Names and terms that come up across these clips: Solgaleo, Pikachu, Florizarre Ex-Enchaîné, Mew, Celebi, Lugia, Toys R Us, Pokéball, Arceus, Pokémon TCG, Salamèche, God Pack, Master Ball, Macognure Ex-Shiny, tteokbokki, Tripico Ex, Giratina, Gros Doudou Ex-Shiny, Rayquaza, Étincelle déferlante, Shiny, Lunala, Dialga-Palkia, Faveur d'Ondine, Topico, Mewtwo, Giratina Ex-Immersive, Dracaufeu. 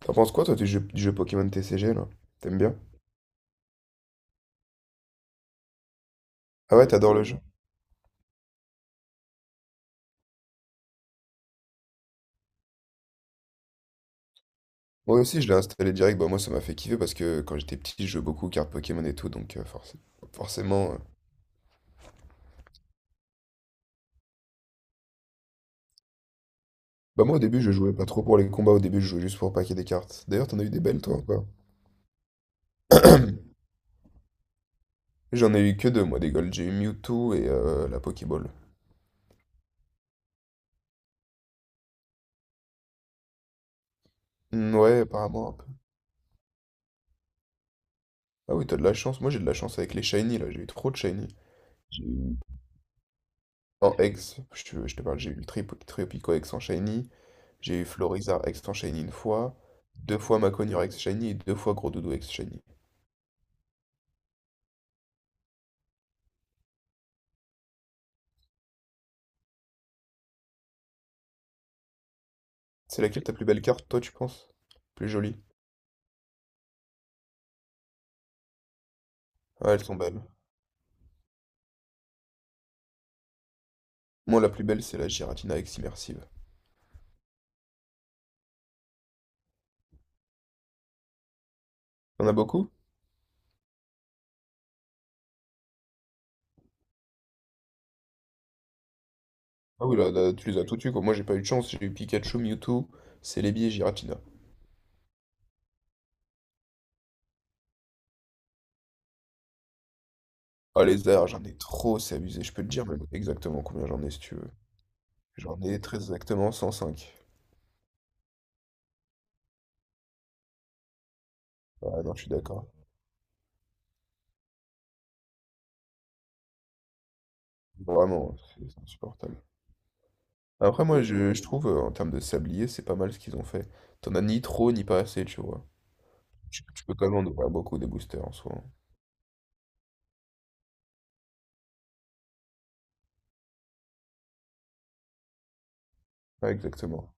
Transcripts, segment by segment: T'en penses quoi toi du jeu Pokémon TCG là? T'aimes bien? Ah ouais, t'adores le jeu? Moi aussi je l'ai installé direct, bah moi ça m'a fait kiffer parce que quand j'étais petit je jouais beaucoup aux cartes Pokémon et tout, donc forcément. Bah moi au début je jouais pas trop pour les combats, au début je jouais juste pour paquer des cartes. D'ailleurs t'en as eu des belles toi ou pas? J'en ai eu que deux moi des Gold, j'ai eu Mewtwo et la Pokéball. Hmm, ouais apparemment un peu. Ah oui t'as de la chance, moi j'ai de la chance avec les Shiny là, j'ai eu trop de Shiny. J'ai eu en Ex, je te parle, j'ai eu le Tripico Ex en Shiny. J'ai eu Florizarre Ex-Enchaîné une fois, deux fois Macognure Ex-Shiny et deux fois Gros Doudou Ex-Shiny. C'est laquelle ta plus belle carte, toi, tu penses? Plus jolie? Ah, elles sont belles. Moi, la plus belle, c'est la Giratina Ex-Immersive. T'en as beaucoup? Ah oui, là, là, tu les as toutes eues, quoi. Moi, j'ai pas eu de chance. J'ai eu Pikachu, Mewtwo, Celebi et Giratina. Ah, les airs, j'en ai trop, c'est abusé. Je peux te dire même exactement combien j'en ai, si tu veux. J'en ai très exactement 105. Ah non, je suis d'accord. Vraiment, c'est insupportable. Après, moi, je trouve, en termes de sablier, c'est pas mal ce qu'ils ont fait. T'en as ni trop, ni pas assez, tu vois. Tu peux quand même en ouvrir beaucoup des boosters en soi, hein. Ouais, exactement.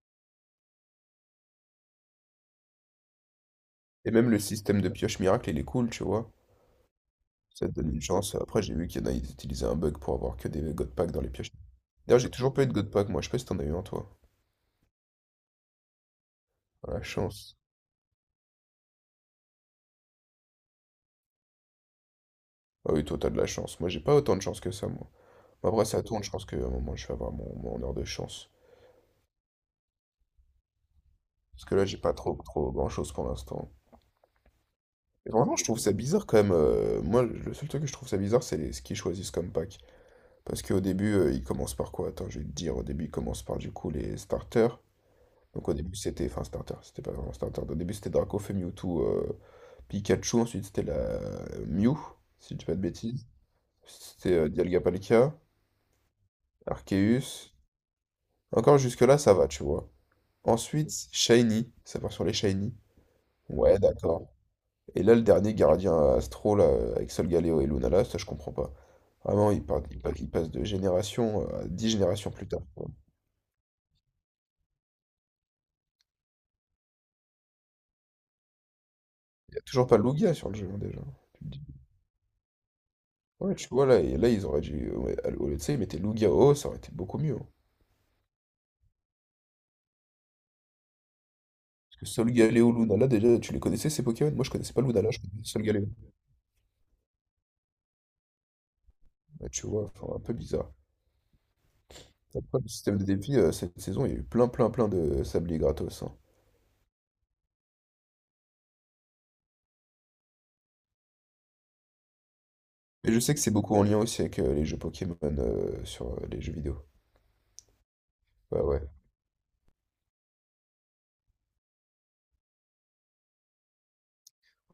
Et même le système de pioche miracle, il est cool, tu vois. Ça te donne une chance. Après, j'ai vu qu'il y en a, ils utilisaient un bug pour avoir que des God Pack dans les pioches. D'ailleurs, j'ai toujours pas eu de God Pack, moi. Je sais pas si t'en as eu un, toi. Ah, la chance. Ah oui, toi, t'as de la chance. Moi, j'ai pas autant de chance que ça, moi. Mais après, ça tourne, je pense qu'à un moment, je vais avoir mon heure de chance. Parce que là, j'ai pas trop, trop grand-chose pour l'instant. Mais vraiment, je trouve ça bizarre quand même. Moi, le seul truc que je trouve ça bizarre, c'est ce qu'ils choisissent comme pack. Parce qu'au début, ils commencent par quoi? Attends, je vais te dire. Au début, ils commencent par du coup les starters. Donc au début, c'était, enfin, starter, c'était pas vraiment starter. Au début, c'était Dracaufeu, Mewtwo, Pikachu. Ensuite, c'était la Mew, si je dis pas de bêtises. C'était Dialga-Palkia, Arceus. Encore jusque-là, ça va, tu vois. Ensuite, Shiny. Ça part sur les Shiny. Ouais, d'accord. Et là, le dernier gardien Astro, là, avec Solgaleo et Luna, là, ça, je comprends pas. Vraiment, il, part- il pa- il passe de génération à dix générations plus tard, quoi. Il n'y a toujours pas Lugia sur le jeu, hein, déjà. Ouais, tu vois, là, et là ils auraient dû, ouais, au lieu de ça, ils mettaient Lugia au haut, ça aurait été beaucoup mieux, hein. Parce que Solgaleo Lunala, déjà, tu les connaissais, ces Pokémon? Moi, je connaissais pas Lunala, je connaissais Solgaleo. Ouais, tu vois, enfin, un peu bizarre. Après, le système de défi, cette saison, il y a eu plein, plein, plein de sabliers gratos, hein. Et je sais que c'est beaucoup en lien aussi avec les jeux Pokémon sur les jeux vidéo. Bah ouais.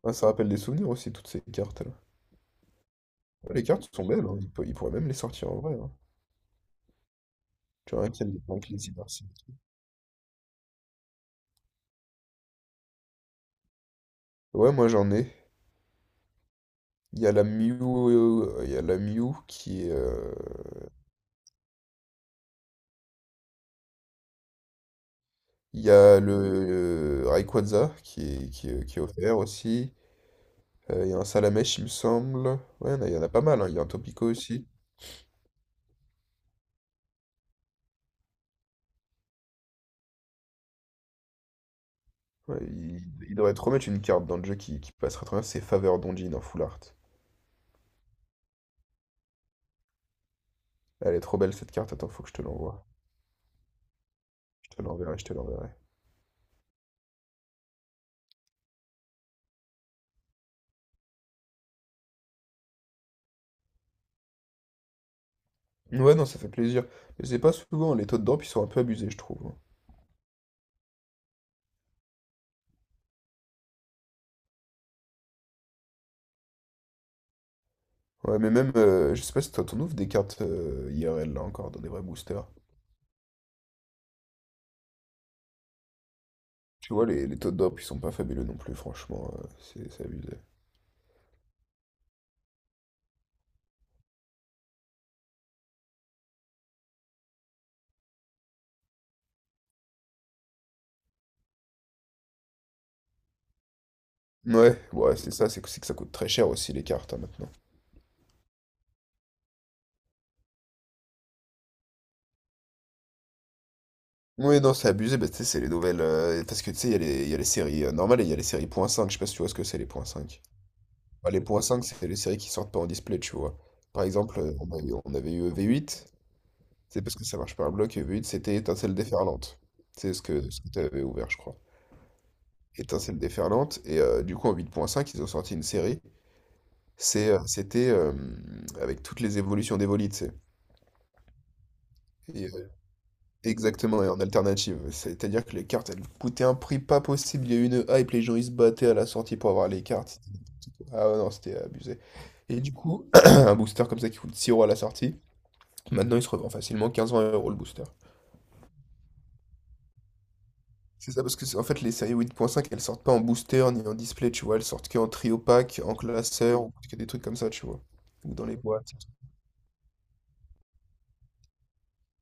Ah, ça rappelle des souvenirs aussi, toutes ces cartes-là. Ouais, les cartes sont belles, hein. Ils pourraient même les sortir en vrai, hein. Tu vois, qu'il y a des que les immersives. Ouais, moi j'en ai. Il y a la Mew qui est. Il y a le Rayquaza qui est offert aussi. Il y a un Salamèche, il me semble. Ouais, il y en a pas mal, hein. Il y a un Topico aussi. Ouais, il devrait te remettre une carte dans le jeu qui passera très bien. C'est Faveur d'Ondine en full art. Elle est trop belle cette carte. Attends, faut que je te l'envoie. Je te l'enverrai, je te l'enverrai. Ouais, non, ça fait plaisir. Mais c'est pas souvent, les taux de drop, ils sont un peu abusés, je trouve. Ouais, mais même, je sais pas si toi, t'en ouvres des cartes IRL, là, encore, dans des vrais boosters. Tu vois, les taux de drop, ils sont pas fabuleux non plus, franchement, c'est abusé. Ouais, ouais, c'est ça, c'est que ça coûte très cher aussi, les cartes, hein, maintenant. Ouais, non, c'est abusé, bah, tu sais, c'est parce que, tu sais, il y a les séries normales et il y a les séries point cinq, je sais pas si tu vois ce que c'est, les .5. Bah, les point 5 c'est les séries qui sortent pas en display, tu vois. Par exemple, on avait eu v huit. C'est parce que ça marche par bloc, Uber Eats, c'était étincelle déferlante. C'est ce que tu avais ouvert, je crois. Étincelle déferlante. Et du coup, en 8.5, ils ont sorti une série. C'était avec toutes les évolutions d'Evoli, tu sais. Et, exactement, et en alternative. C'est-à-dire que les cartes, elles coûtaient un prix pas possible. Il y a eu une hype, les gens, ils se battaient à la sortie pour avoir les cartes. Ah ouais, non, c'était abusé. Et du coup, un booster comme ça qui coûte 6 € à la sortie, maintenant, il se revend facilement 15-20 € le booster. C'est ça, parce que en fait, les séries 8.5, elles sortent pas en booster ni en display, tu vois. Elles sortent que en trio pack, en classeur, ou que des trucs comme ça, tu vois. Ou dans les boîtes.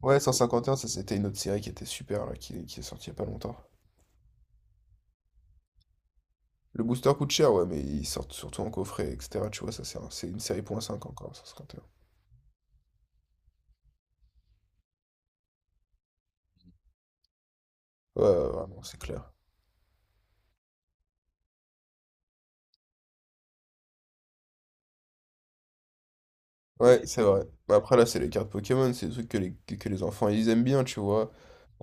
Ouais, 151, ça c'était une autre série qui était super, là, qui est sortie il y a pas longtemps. Le booster coûte cher, ouais, mais ils sortent surtout en coffret, etc. Tu vois, ça c'est c'est une série .5 encore, 151. Ouais, ouais, vraiment, c'est clair. Ouais, c'est vrai. Bah, après, là, c'est les cartes Pokémon, c'est des trucs que les enfants, ils aiment bien, tu vois.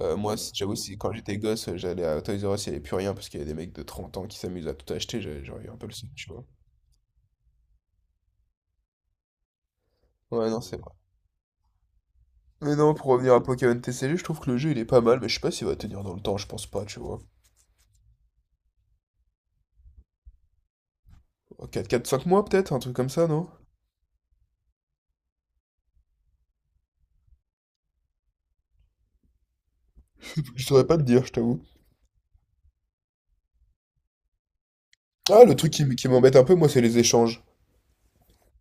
Moi, j'avoue, si, quand j'étais gosse, j'allais à Toys R Us, il n'y avait plus rien parce qu'il y a des mecs de 30 ans qui s'amusent à tout acheter, j'aurais eu un peu le seum, tu vois. Ouais, non, c'est vrai. Mais non, pour revenir à Pokémon TCG, je trouve que le jeu, il est pas mal, mais je sais pas s'il va tenir dans le temps, je pense pas, tu vois. 4, 4, 5 mois peut-être, un truc comme ça, non? Je saurais pas te dire, je t'avoue. Ah, le truc qui m'embête un peu, moi, c'est les échanges.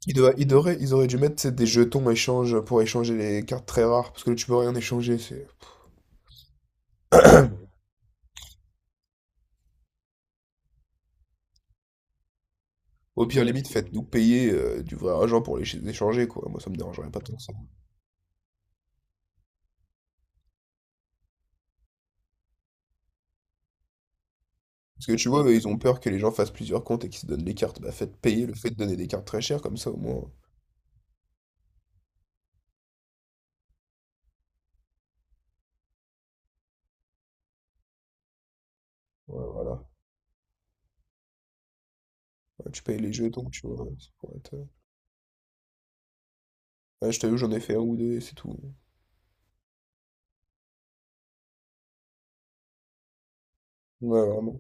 Ils auraient dû mettre, tu sais, des jetons échanges pour échanger les cartes très rares, parce que là, tu peux rien échanger, c'est... Au pire, limite, faites-nous payer du vrai argent pour les échanger, quoi. Moi, ça me dérangerait pas tant que ça. Parce que tu vois, eux, ils ont peur que les gens fassent plusieurs comptes et qu'ils se donnent des cartes. Bah, faites payer le fait de donner des cartes très chères, comme ça, au moins. Ouais, voilà. Ouais, tu payes les jetons, tu vois. Ça pourrait être. Ouais, je t'avoue, j'en ai fait un ou deux et c'est tout. Ouais, vraiment.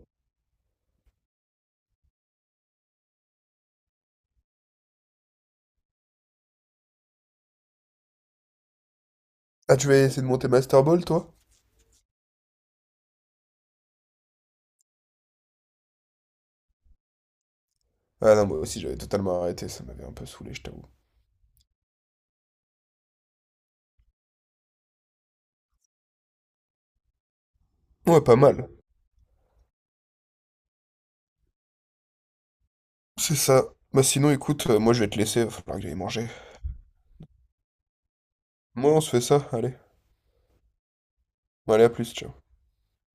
Ah, tu vas essayer de monter Master Ball, toi? Ah non, moi aussi, j'avais totalement arrêté. Ça m'avait un peu saoulé, je t'avoue. Ouais, pas mal. C'est ça. Bah, sinon, écoute, moi, je vais te laisser. Va falloir que j'aille manger. Moi, on se fait ça. Allez. Bon, à plus, ciao.